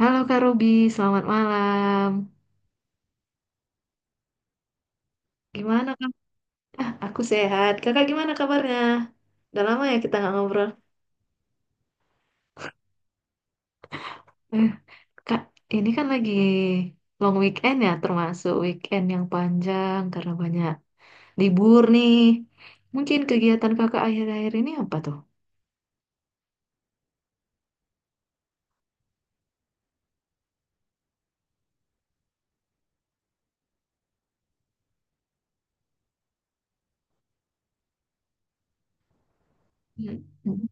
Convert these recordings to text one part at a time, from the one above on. Halo Kak Ruby, selamat malam. Gimana Kak? Aku sehat. Kakak gimana kabarnya? Udah lama ya kita nggak ngobrol. Eh, Kak, ini kan lagi long weekend ya, termasuk weekend yang panjang karena banyak libur nih. Mungkin kegiatan kakak akhir-akhir ini apa tuh? Hmm.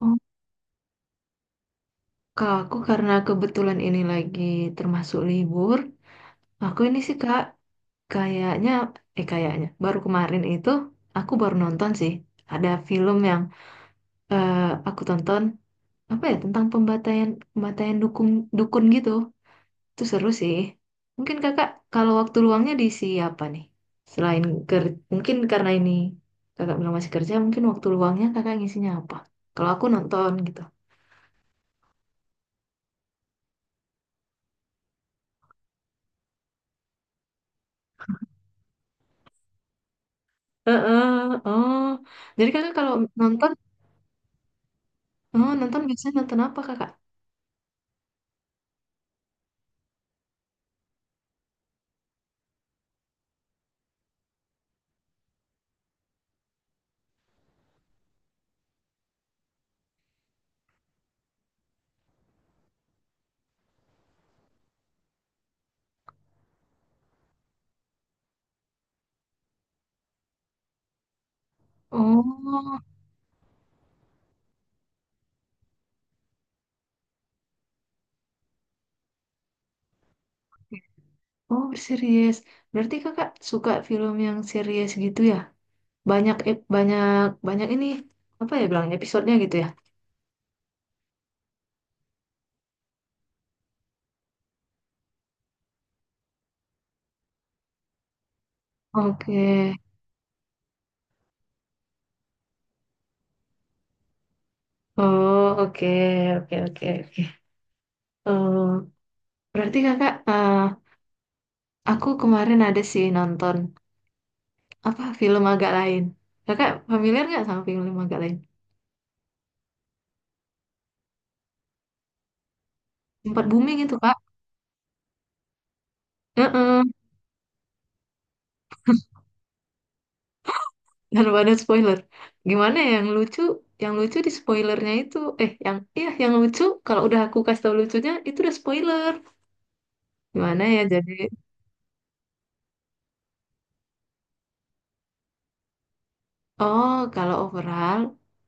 Oh, Kak, aku karena kebetulan ini lagi termasuk libur, aku ini sih Kak, kayaknya, kayaknya, baru kemarin itu aku baru nonton sih, ada film yang eh, aku tonton apa ya tentang pembantaian pembantaian dukun dukun gitu. Itu seru sih. Mungkin kakak kalau waktu luangnya diisi apa nih? Selain ker mungkin karena ini kakak bilang masih kerja, mungkin waktu luangnya kakak ngisinya apa? Kalau aku nonton gitu. Heeh, oh. Jadi kakak kalau nonton, oh, nonton biasanya nonton apa kakak? Oh, oh, series. Berarti kakak suka film yang series gitu ya? Banyak banyak ini apa ya bilangnya episodenya gitu ya? Oke. Oh, oke, oke, oke, oke. Oh, berarti kakak, aku kemarin ada sih nonton apa film agak lain. Kakak familiar nggak sama film agak lain? Sempat booming itu kak. Heeh. Dan ada spoiler. Gimana ya, yang lucu? Yang lucu di spoilernya itu, yang iya yang lucu. Kalau udah aku kasih tau lucunya, itu udah spoiler. Gimana ya? Jadi, oh, kalau overall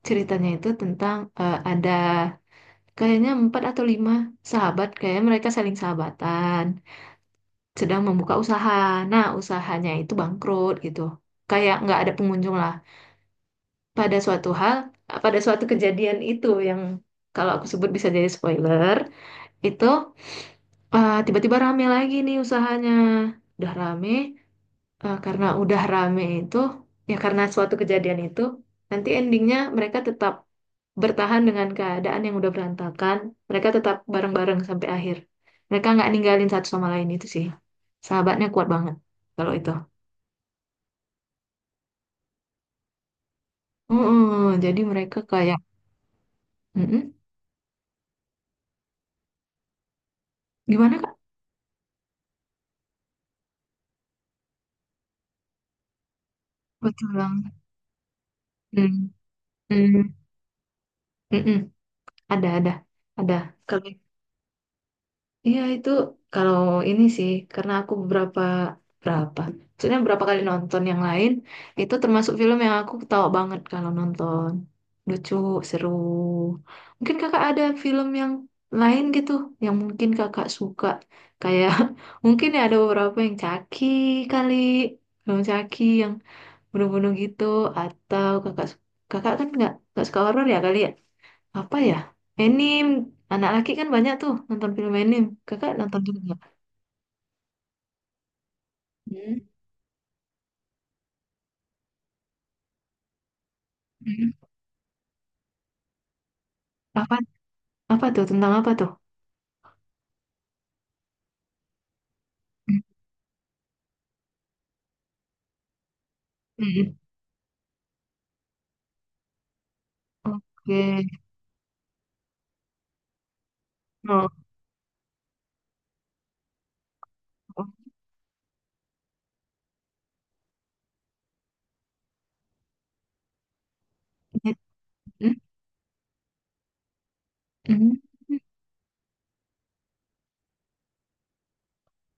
ceritanya itu tentang ada kayaknya empat atau lima sahabat, kayaknya mereka saling sahabatan, sedang membuka usaha. Nah, usahanya itu bangkrut gitu. Kayak nggak ada pengunjung lah. Pada suatu hal, pada suatu kejadian itu yang kalau aku sebut bisa jadi spoiler, itu tiba-tiba rame lagi nih usahanya. Udah rame, karena udah rame itu ya karena suatu kejadian itu nanti endingnya mereka tetap bertahan dengan keadaan yang udah berantakan, mereka tetap bareng-bareng sampai akhir, mereka nggak ninggalin satu sama lain. Itu sih sahabatnya kuat banget kalau itu. Mm-mm, jadi mereka kayak mm-mm. Gimana kak, betul banget. Hmm, hmm, mm-mm. Ada ada kalau iya itu kalau ini sih karena aku beberapa berapa maksudnya beberapa kali nonton yang lain, itu termasuk film yang aku ketawa banget kalau nonton, lucu, seru. Mungkin kakak ada film yang lain gitu yang mungkin kakak suka kayak mungkin ya ada beberapa yang caki kali, film caki yang bunuh-bunuh gitu. Atau kakak, kakak kan nggak suka horor ya kali ya, apa ya? Anime. Anak laki kan banyak tuh nonton film anime. Kakak nonton juga nggak? Hmm. Hmm. Apa, apa tuh tentang apa tuh? Hmm. Hmm. Oke. Oh. Oh. Hmm. Hmm.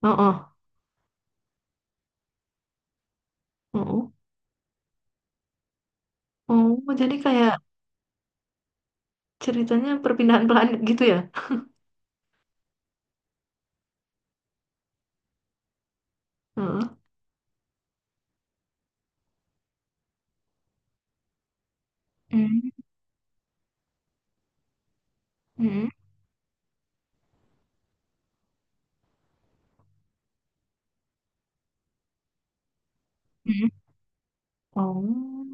Oh, oh. Oh, oh. Oh, jadi kayak ceritanya perpindahan planet gitu ya? Heeh. Hmm. Hmm. Hmm. Oh.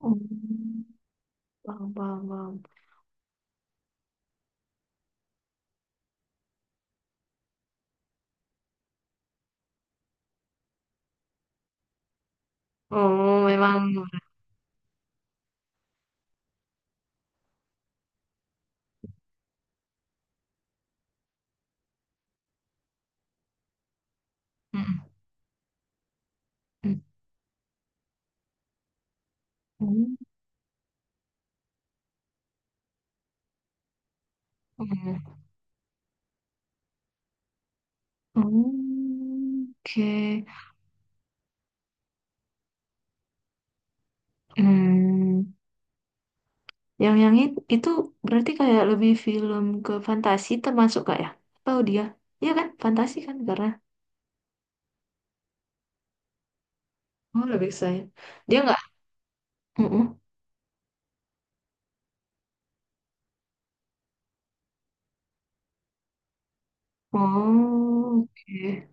Oh. Paham, paham, paham. Oh, memang. Hmm. Hmm. Hmm. Hmm. Oke. Hmm. Itu berarti kayak lebih film ke fantasi termasuk kak ya? Tahu dia? Iya kan? Fantasi kan karena oh lebih saya. Dia nggak? Mm-mm. Oh, oke.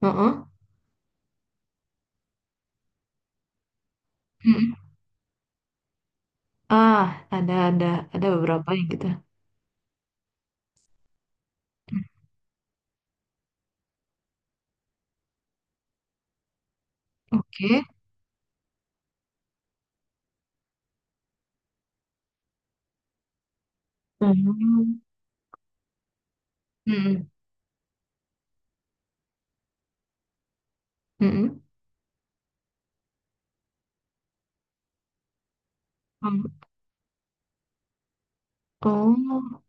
Heeh. Mm-mm. Ah, ada ada ada beberapa yang gitu. Oke. Mm. Mm-mm. Mm-mm. Mm. Oh,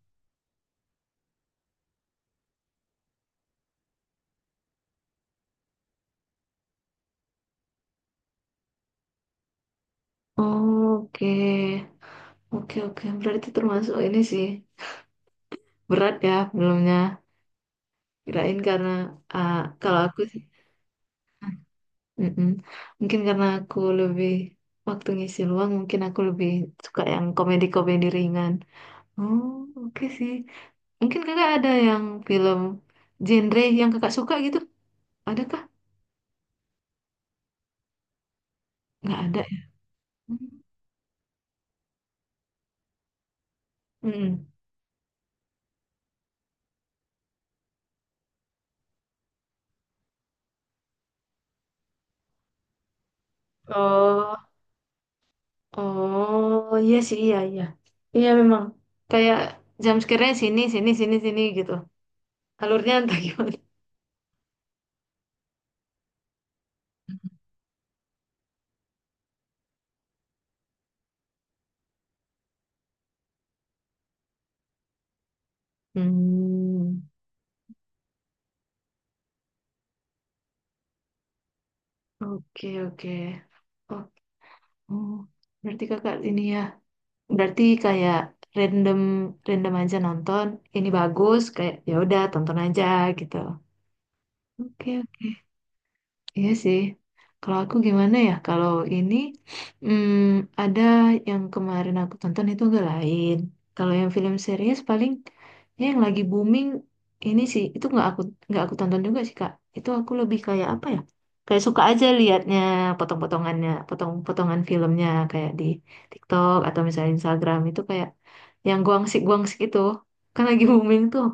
oh, oke. Oke, oke. Berarti termasuk ini sih. Berat ya filmnya. Kirain karena ah, kalau aku mm-mm. Mungkin karena aku lebih waktu ngisi luang, mungkin aku lebih suka yang komedi-komedi ringan. Oh, oke sih. Mungkin kakak ada yang film genre yang kakak suka gitu? Adakah? Nggak ada ya? Mm. Oh, oh, iya sih, iya, iya. Iya memang. Kayak jam sekiranya sini, sini, sini, sini gitu. Alurnya entah gimana. Hmm, oke, oke. Oh, oh, berarti kakak ini ya. Berarti kayak random random aja nonton, ini bagus kayak ya udah tonton aja gitu. Oke, oke. Iya sih. Kalau aku gimana ya? Kalau ini hmm, ada yang kemarin aku tonton itu agak lain. Kalau yang film series paling ini yang lagi booming ini sih itu nggak aku tonton juga sih Kak. Itu aku lebih kayak apa ya? Kayak suka aja liatnya potong-potongannya, potong-potongan filmnya kayak di TikTok atau misalnya Instagram itu kayak yang guangsik-guangsik itu kan lagi booming tuh.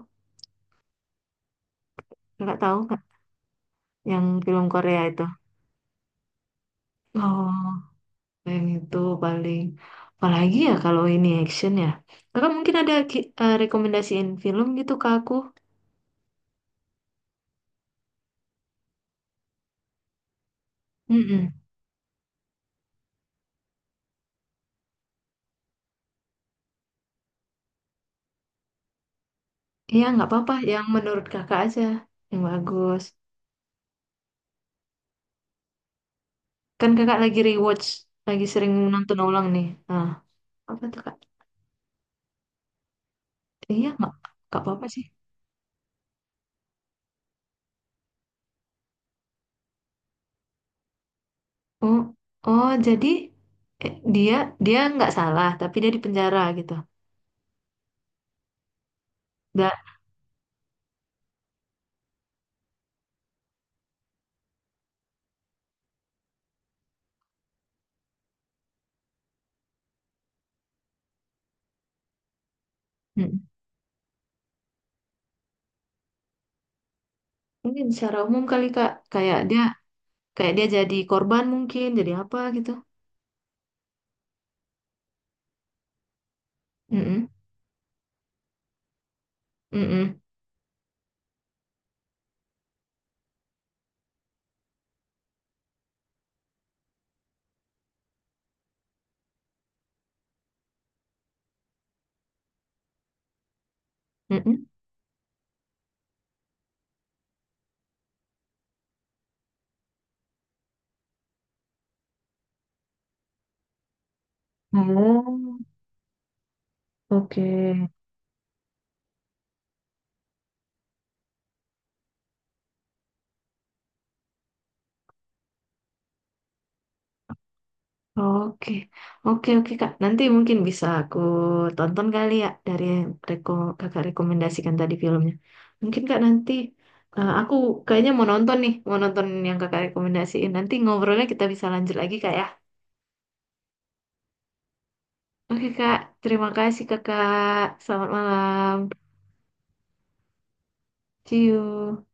Nggak tahu Kak yang film Korea itu. Oh, yang itu paling apalagi ya kalau ini action ya. Kakak mungkin ada rekomendasiin film gitu ke aku. Mm. Iya, nggak apa-apa. Yang menurut kakak aja yang bagus. Kan kakak lagi rewatch, lagi sering nonton ulang nih. Nah, apa tuh kak? Iya, nggak apa-apa sih. Oh, oh jadi eh, dia dia nggak salah, tapi dia di penjara gitu. Nggak, mm. Mungkin secara umum kali kak, kayak dia jadi korban mungkin, jadi apa gitu. Mm-mm. Mm-mm. Mm-mm. Oh, oke. Oke, oke, oke Kak. Nanti mungkin bisa aku tonton kali ya dari yang kakak rekomendasikan tadi filmnya. Mungkin Kak nanti aku kayaknya mau nonton nih, mau nonton yang kakak rekomendasiin. Nanti ngobrolnya kita bisa lanjut lagi Kak ya. Oke Kak, terima kasih Kakak. Selamat malam. See you.